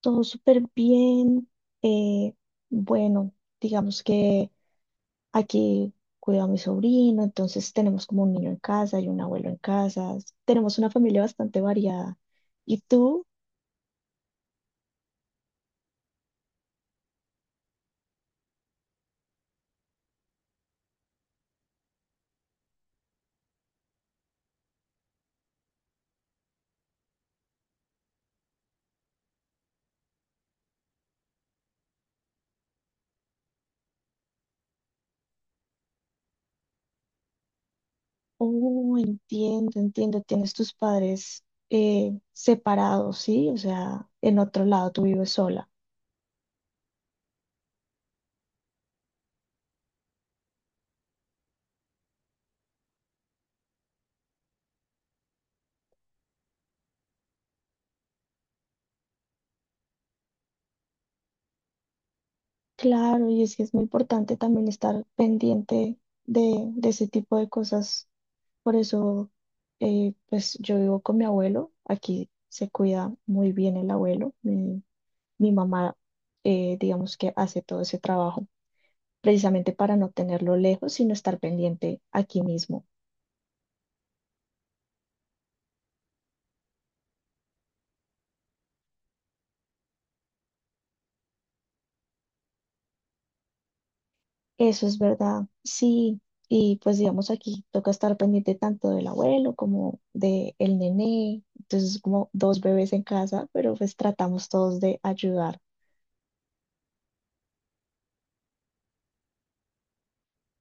Todo súper bien. eh, bueno, digamos que aquí cuido a mi sobrino, entonces tenemos como un niño en casa y un abuelo en casa. Tenemos una familia bastante variada. ¿Y tú? Oh, entiendo, entiendo. Tienes tus padres separados, ¿sí? O sea, en otro lado, tú vives sola. Claro, y es que es muy importante también estar pendiente de ese tipo de cosas. Por eso, pues yo vivo con mi abuelo. Aquí se cuida muy bien el abuelo. Mi mamá, digamos que hace todo ese trabajo precisamente para no tenerlo lejos, sino estar pendiente aquí mismo. Eso es verdad, sí. Y pues digamos aquí toca estar pendiente tanto del abuelo como del nené. Entonces como dos bebés en casa, pero pues tratamos todos de ayudar.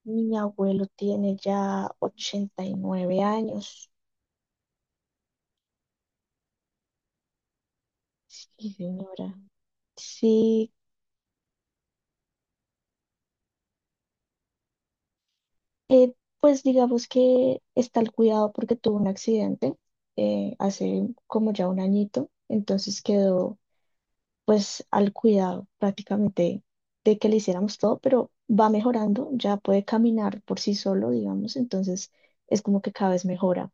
Mi abuelo tiene ya 89 años. Sí, señora. Sí, eh, pues digamos que está el cuidado porque tuvo un accidente hace como ya un añito, entonces quedó pues al cuidado prácticamente de que le hiciéramos todo, pero va mejorando, ya puede caminar por sí solo, digamos, entonces es como que cada vez mejora.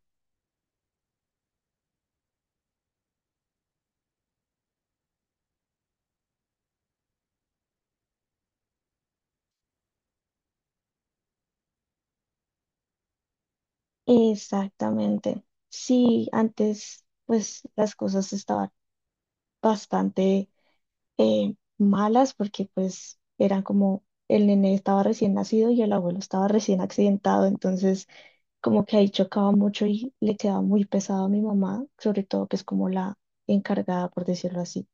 Exactamente. Sí, antes pues las cosas estaban bastante malas porque pues eran como el nene estaba recién nacido y el abuelo estaba recién accidentado, entonces como que ahí chocaba mucho y le quedaba muy pesado a mi mamá, sobre todo que es como la encargada, por decirlo así.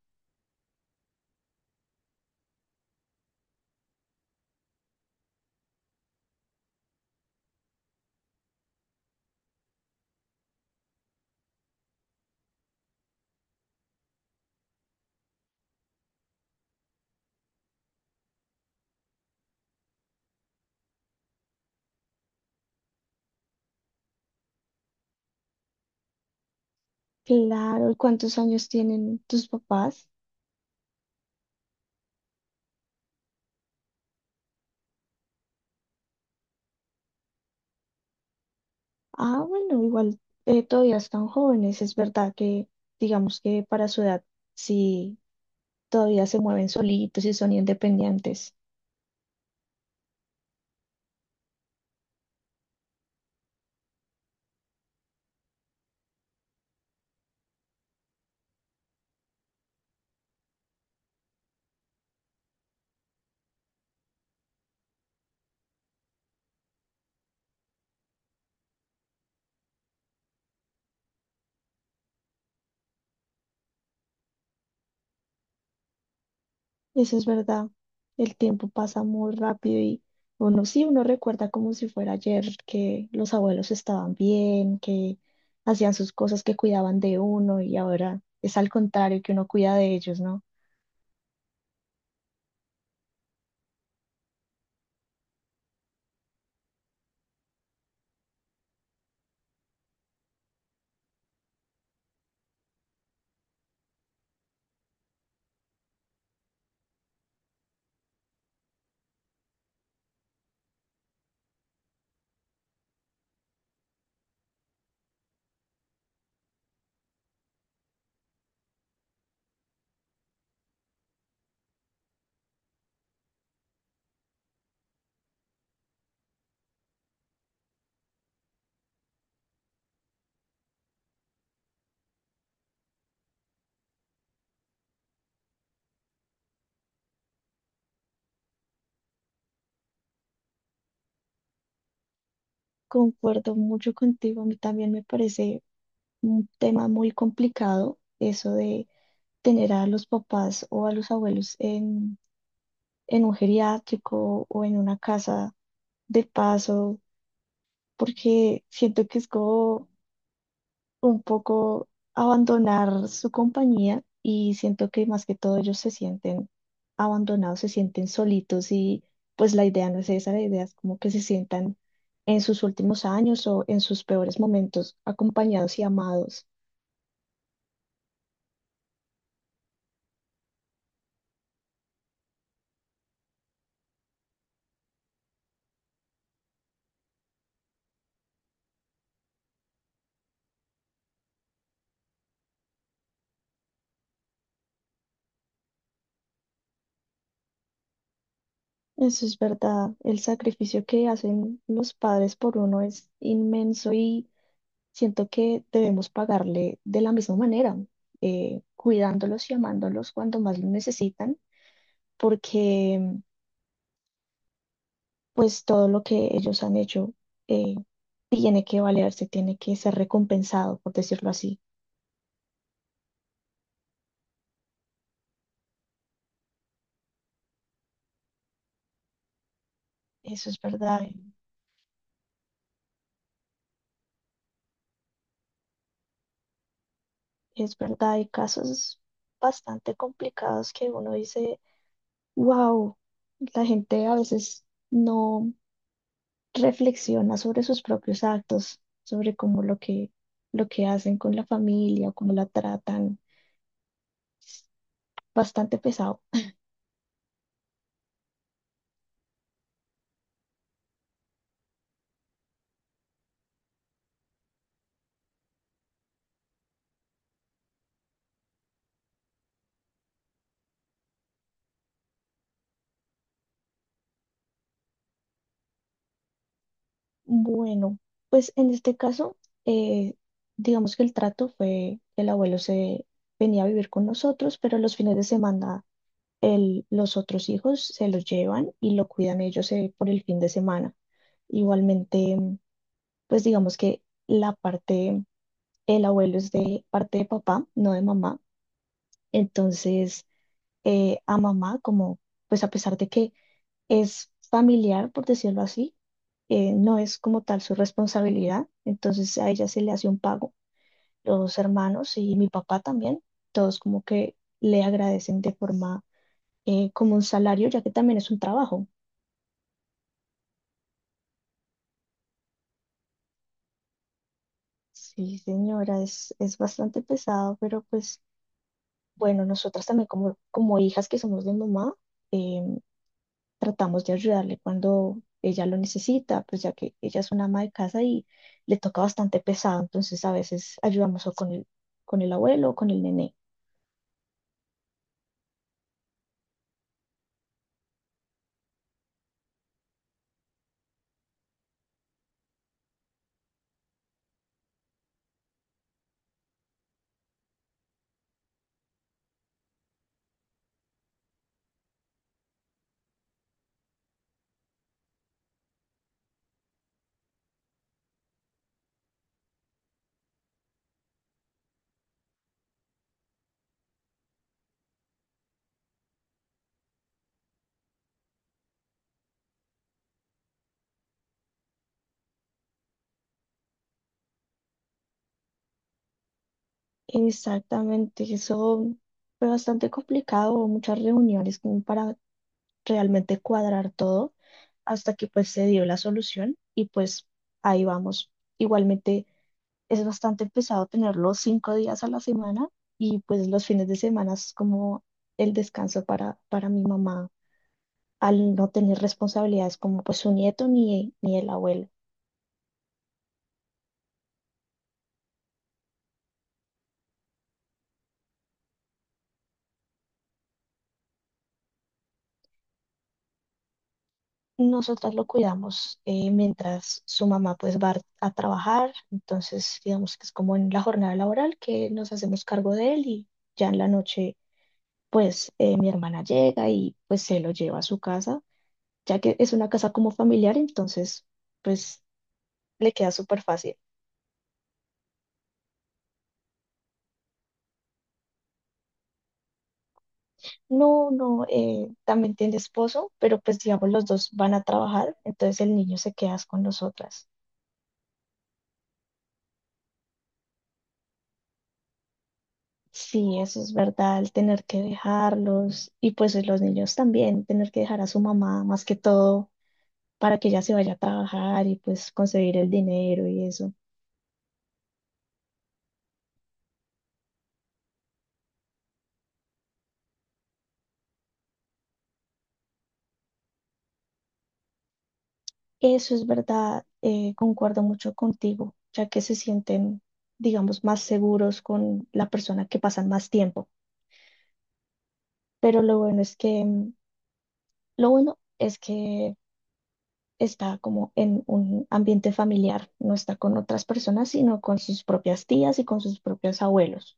Claro, ¿cuántos años tienen tus papás? Ah, bueno, igual todavía están jóvenes, es verdad que digamos que para su edad sí todavía se mueven solitos y son independientes. Eso es verdad. El tiempo pasa muy rápido y uno sí, uno recuerda como si fuera ayer que los abuelos estaban bien, que hacían sus cosas, que cuidaban de uno y ahora es al contrario, que uno cuida de ellos, ¿no? Concuerdo mucho contigo. A mí también me parece un tema muy complicado eso de tener a los papás o a los abuelos en un geriátrico o en una casa de paso, porque siento que es como un poco abandonar su compañía y siento que más que todo ellos se sienten abandonados, se sienten solitos y pues la idea no es esa, la idea es como que se sientan en sus últimos años o en sus peores momentos acompañados y amados. Eso es verdad, el sacrificio que hacen los padres por uno es inmenso y siento que debemos pagarle de la misma manera, cuidándolos y amándolos cuando más lo necesitan, porque pues todo lo que ellos han hecho eh, tiene que valerse, tiene que ser recompensado, por decirlo así. Eso es verdad, es verdad. Hay casos bastante complicados que uno dice, wow, la gente a veces no reflexiona sobre sus propios actos, sobre cómo lo que hacen con la familia o cómo la tratan. Bastante pesado. Bueno, pues en este caso, eh, digamos que el trato fue, el abuelo se venía a vivir con nosotros, pero los fines de semana los otros hijos se los llevan y lo cuidan ellos por el fin de semana. Igualmente, pues digamos que la parte, el abuelo es de parte de papá, no de mamá. Entonces, a mamá, como, pues a pesar de que es familiar, por decirlo así, no es como tal su responsabilidad, entonces a ella se le hace un pago. Los hermanos y mi papá también, todos como que le agradecen de forma como un salario, ya que también es un trabajo. Sí, señora, es bastante pesado, pero pues bueno, nosotras también como hijas que somos de mamá, em, tratamos de ayudarle cuando ella lo necesita, pues ya que ella es una ama de casa y le toca bastante pesado, entonces a veces ayudamos o con con el abuelo o con el nené. Exactamente, eso fue bastante complicado, hubo muchas reuniones como para realmente cuadrar todo hasta que pues se dio la solución y pues ahí vamos. Igualmente es bastante pesado tenerlo 5 días a la semana y pues los fines de semana es como el descanso para mi mamá al no tener responsabilidades como pues su nieto ni el abuelo. Nosotras lo cuidamos mientras su mamá pues va a trabajar, entonces digamos que es como en la jornada laboral que nos hacemos cargo de él y ya en la noche pues mi hermana llega y pues se lo lleva a su casa, ya que es una casa como familiar, entonces pues le queda súper fácil. No, no, también tiene esposo, pero pues digamos los dos van a trabajar, entonces el niño se queda con nosotras. Sí, eso es verdad, el tener que dejarlos y pues los niños también, tener que dejar a su mamá más que todo para que ella se vaya a trabajar y pues conseguir el dinero y eso. Eso es verdad, concuerdo mucho contigo, ya que se sienten, digamos, más seguros con la persona que pasan más tiempo. Pero lo bueno es que, mm, lo bueno es que está como en un ambiente familiar, no está con otras personas, sino con sus propias tías y con sus propios abuelos.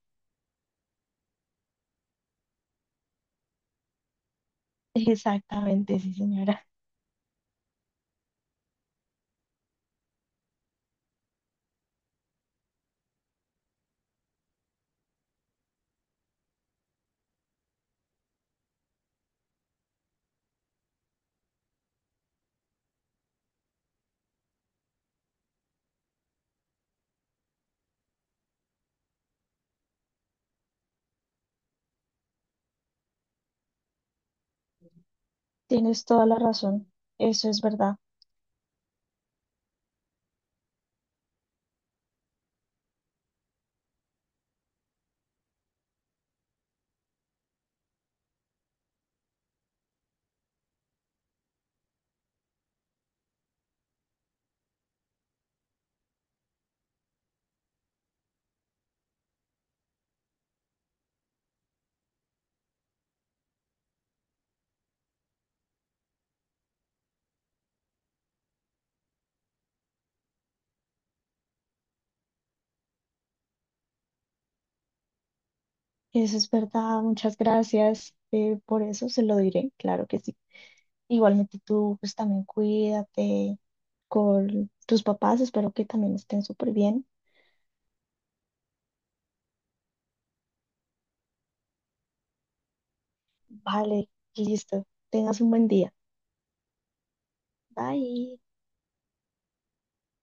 Exactamente, sí, señora. Tienes toda la razón. Eso es verdad. Eso es verdad. Muchas gracias por eso. Se lo diré. Claro que sí. Igualmente tú, pues también cuídate con tus papás. Espero que también estén súper bien. Vale, listo. Tengas un buen día. Bye.